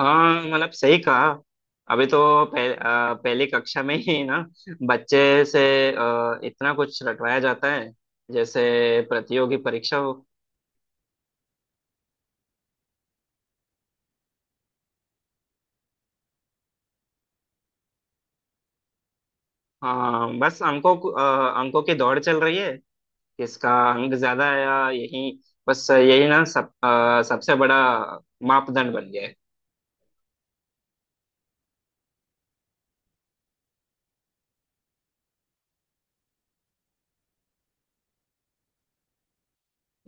हाँ, मतलब सही कहा। अभी तो पहली कक्षा में ही ना बच्चे से इतना कुछ रटवाया जाता है, जैसे प्रतियोगी परीक्षा हो। हाँ, बस अंकों की दौड़ चल रही है। किसका अंक ज्यादा आया, यही बस, यही ना सब सबसे बड़ा मापदंड बन गया है।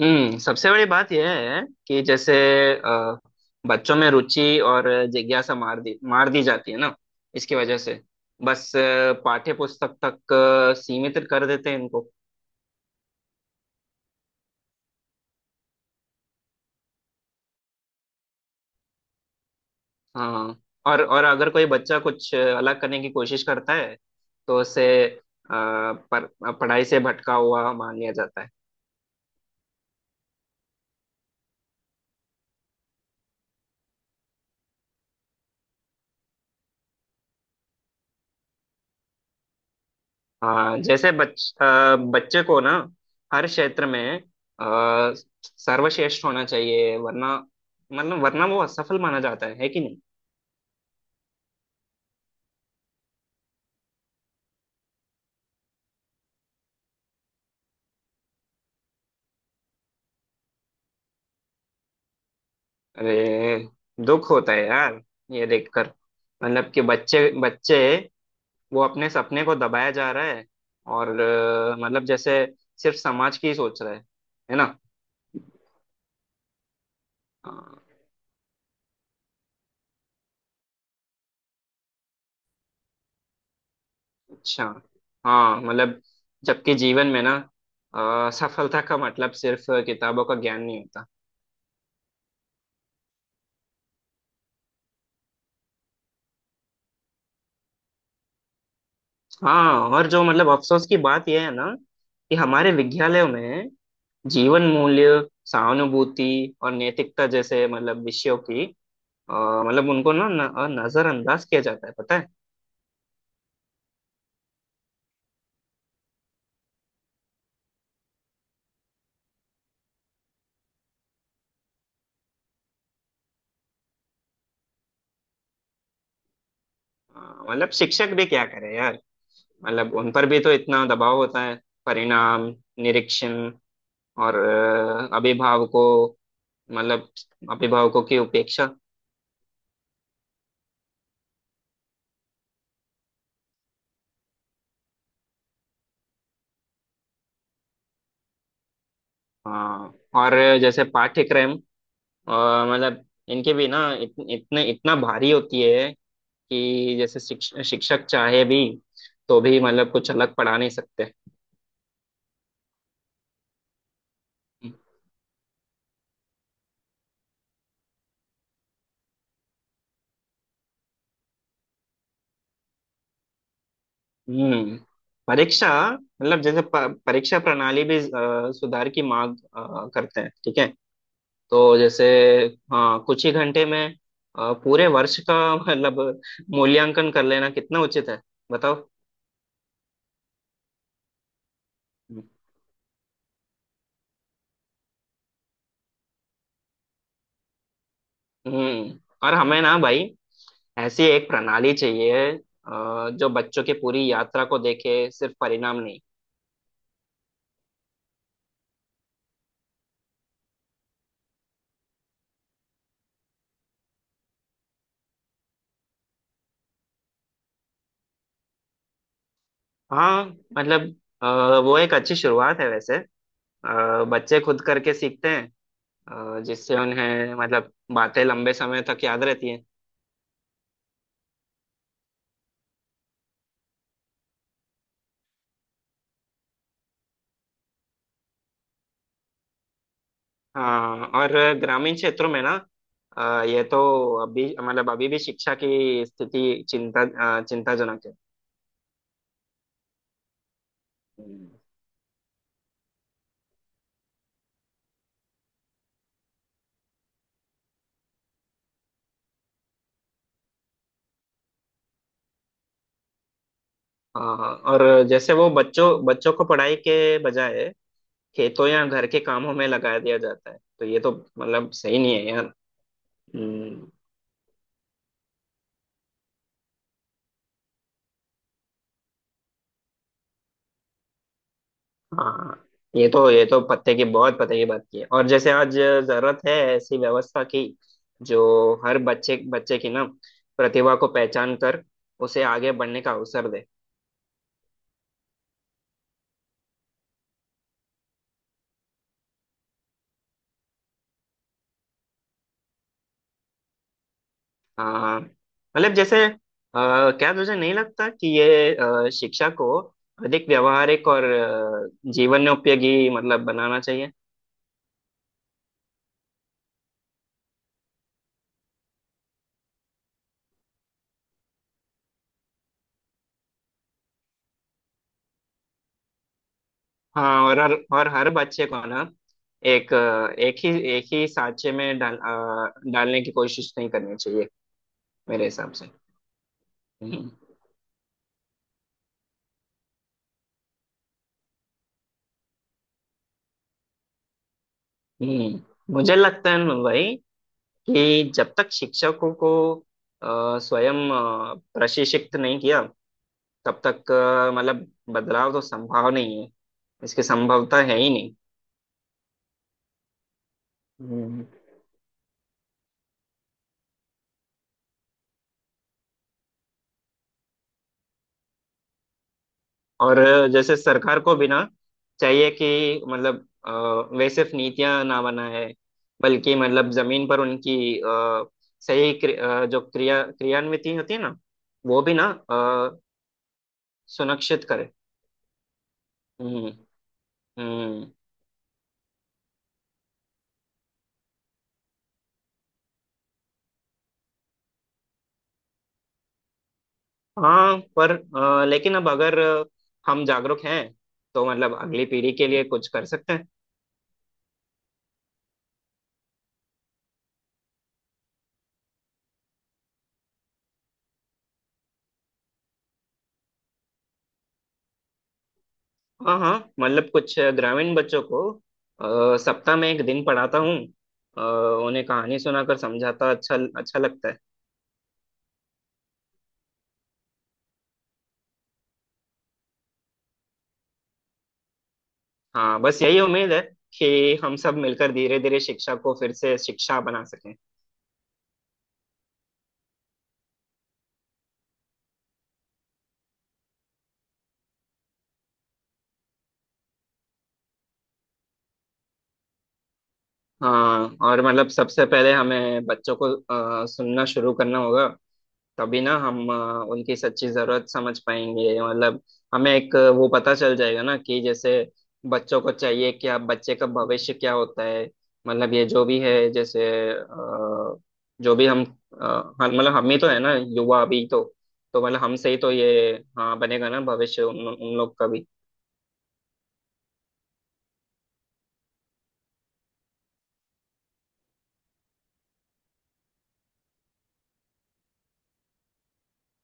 सबसे बड़ी बात यह है कि जैसे अ, बच्चों में रुचि और जिज्ञासा मार दी, मार दी जाती है ना, इसकी वजह से। बस पाठ्य पुस्तक तक सीमित कर देते हैं इनको। हाँ, और अगर कोई बच्चा कुछ अलग करने की कोशिश करता है, तो उसे पर, पढ़ाई से भटका हुआ मान लिया जाता है। हाँ, जैसे बच्चे को ना हर क्षेत्र में अ, सर्वश्रेष्ठ होना चाहिए, वरना मतलब वरना वो असफल माना जाता है कि नहीं। अरे, दुख होता है यार ये देखकर। मतलब कि बच्चे बच्चे, वो अपने सपने को दबाया जा रहा है। और मतलब जैसे सिर्फ समाज की ही सोच रहा है ना। अ, अच्छा। हाँ, मतलब जबकि जीवन में ना सफलता का मतलब सिर्फ किताबों का ज्ञान नहीं होता। हाँ, और जो मतलब अफसोस की बात यह है ना, कि हमारे विद्यालयों में जीवन मूल्य, सहानुभूति और नैतिकता जैसे मतलब विषयों की अ, मतलब उनको ना नजरअंदाज किया जाता है, पता है। अ, मतलब शिक्षक भी क्या करे यार। मतलब उन पर भी तो इतना दबाव होता है, परिणाम, निरीक्षण और अभिभावकों, मतलब अभिभावकों की उपेक्षा। हाँ, और जैसे पाठ्यक्रम अ, मतलब इनके भी ना इत, इतने इतना भारी होती है कि जैसे शिक्षक चाहे भी तो भी मतलब कुछ अलग पढ़ा नहीं सकते। हम्म परीक्षा मतलब जैसे परीक्षा प्रणाली भी सुधार की मांग करते हैं, ठीक है। तो जैसे, हाँ, कुछ ही घंटे में पूरे वर्ष का मतलब मूल्यांकन कर लेना कितना उचित है, बताओ। हम्म और हमें ना भाई ऐसी एक प्रणाली चाहिए जो बच्चों की पूरी यात्रा को देखे, सिर्फ परिणाम नहीं। हाँ, मतलब वो एक अच्छी शुरुआत है वैसे। बच्चे खुद करके सीखते हैं, जिससे उन्हें मतलब बातें लंबे समय तक याद रहती हैं। हाँ, और ग्रामीण क्षेत्रों में ना ये तो अभी मतलब अभी भी शिक्षा की स्थिति चिंताजनक है। हम्म। और जैसे वो बच्चों बच्चों को पढ़ाई के बजाय खेतों या घर के कामों में लगा दिया जाता है, तो ये तो मतलब सही नहीं है यार। हम्म। हाँ, ये तो पते की बहुत पते की बात की है। और जैसे आज जरूरत है ऐसी व्यवस्था की, जो हर बच्चे बच्चे की ना प्रतिभा को पहचान कर उसे आगे बढ़ने का अवसर दे। हाँ, मतलब जैसे क्या तुझे नहीं लगता कि ये शिक्षा को अधिक व्यावहारिक और जीवन में उपयोगी मतलब बनाना चाहिए। हाँ, और हर बच्चे को ना एक अ, एक ही एक ही सांचे में डालने की कोशिश नहीं करनी चाहिए, मेरे हिसाब से। हम्म, मुझे लगता है ना भाई कि जब तक शिक्षकों को स्वयं प्रशिक्षित नहीं किया, तब तक मतलब बदलाव तो संभव नहीं है, इसकी संभवता है ही नहीं। हम्म। और जैसे सरकार को भी ना चाहिए कि मतलब वे सिर्फ नीतियां ना बनाए, बल्कि मतलब जमीन पर उनकी सही जो क्रियान्विति होती है ना, वो भी ना अ, सुनिश्चित करे। हम्म, हम्म। हाँ, पर लेकिन अब अगर हम जागरूक हैं, तो मतलब अगली पीढ़ी के लिए कुछ कर सकते हैं। हाँ, हाँ, मतलब कुछ ग्रामीण बच्चों को सप्ताह में एक दिन पढ़ाता हूँ। अ, उन्हें कहानी सुनाकर समझाता, अच्छा अच्छा लगता है। हाँ, बस यही उम्मीद है कि हम सब मिलकर धीरे धीरे शिक्षा को फिर से शिक्षा बना सकें। हाँ, और मतलब सबसे पहले हमें बच्चों को सुनना शुरू करना होगा। तभी ना हम उनकी सच्ची जरूरत समझ पाएंगे। मतलब हमें एक वो पता चल जाएगा ना कि जैसे बच्चों को चाहिए क्या, बच्चे का भविष्य क्या होता है। मतलब ये जो भी है जैसे अ, जो भी हम हाँ, मतलब हम ही तो है ना युवा अभी तो। तो मतलब हमसे ही तो ये, हाँ, बनेगा ना भविष्य उन लोग का भी।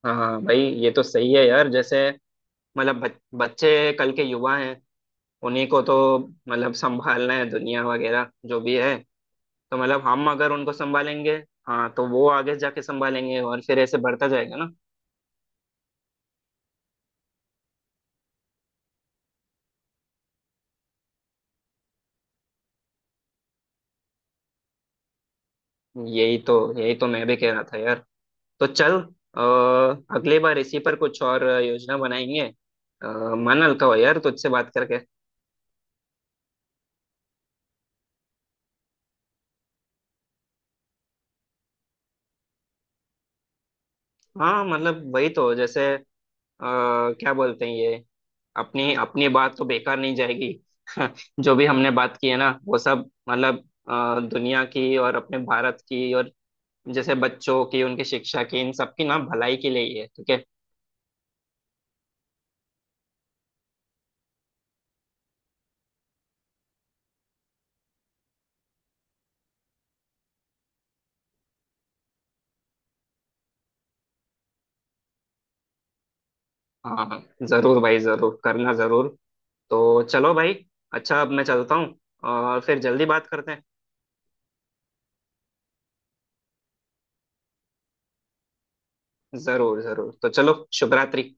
हाँ, हाँ भाई, ये तो सही है यार। जैसे मतलब बच्चे कल के युवा हैं। उन्हीं को तो मतलब संभालना है दुनिया वगैरह जो भी है। तो मतलब हम अगर उनको संभालेंगे। हाँ, तो वो आगे जाके संभालेंगे, और फिर ऐसे बढ़ता जाएगा ना। यही तो, यही तो मैं भी कह रहा था यार। तो चल, अगली बार इसी पर कुछ और योजना बनाएंगे। मन हल्का हो यार तुझसे बात करके। हाँ, मतलब वही तो, जैसे क्या बोलते हैं ये, अपनी अपनी बात तो बेकार नहीं जाएगी। जो भी हमने बात की है ना वो सब मतलब दुनिया की और अपने भारत की और जैसे बच्चों की, उनकी शिक्षा की, इन सब की ना भलाई के लिए ही है, ठीक है। हाँ, हाँ जरूर भाई, जरूर करना जरूर। तो चलो भाई। अच्छा, अब मैं चलता हूँ और फिर जल्दी बात करते हैं। जरूर जरूर, तो चलो। शुभ रात्रि।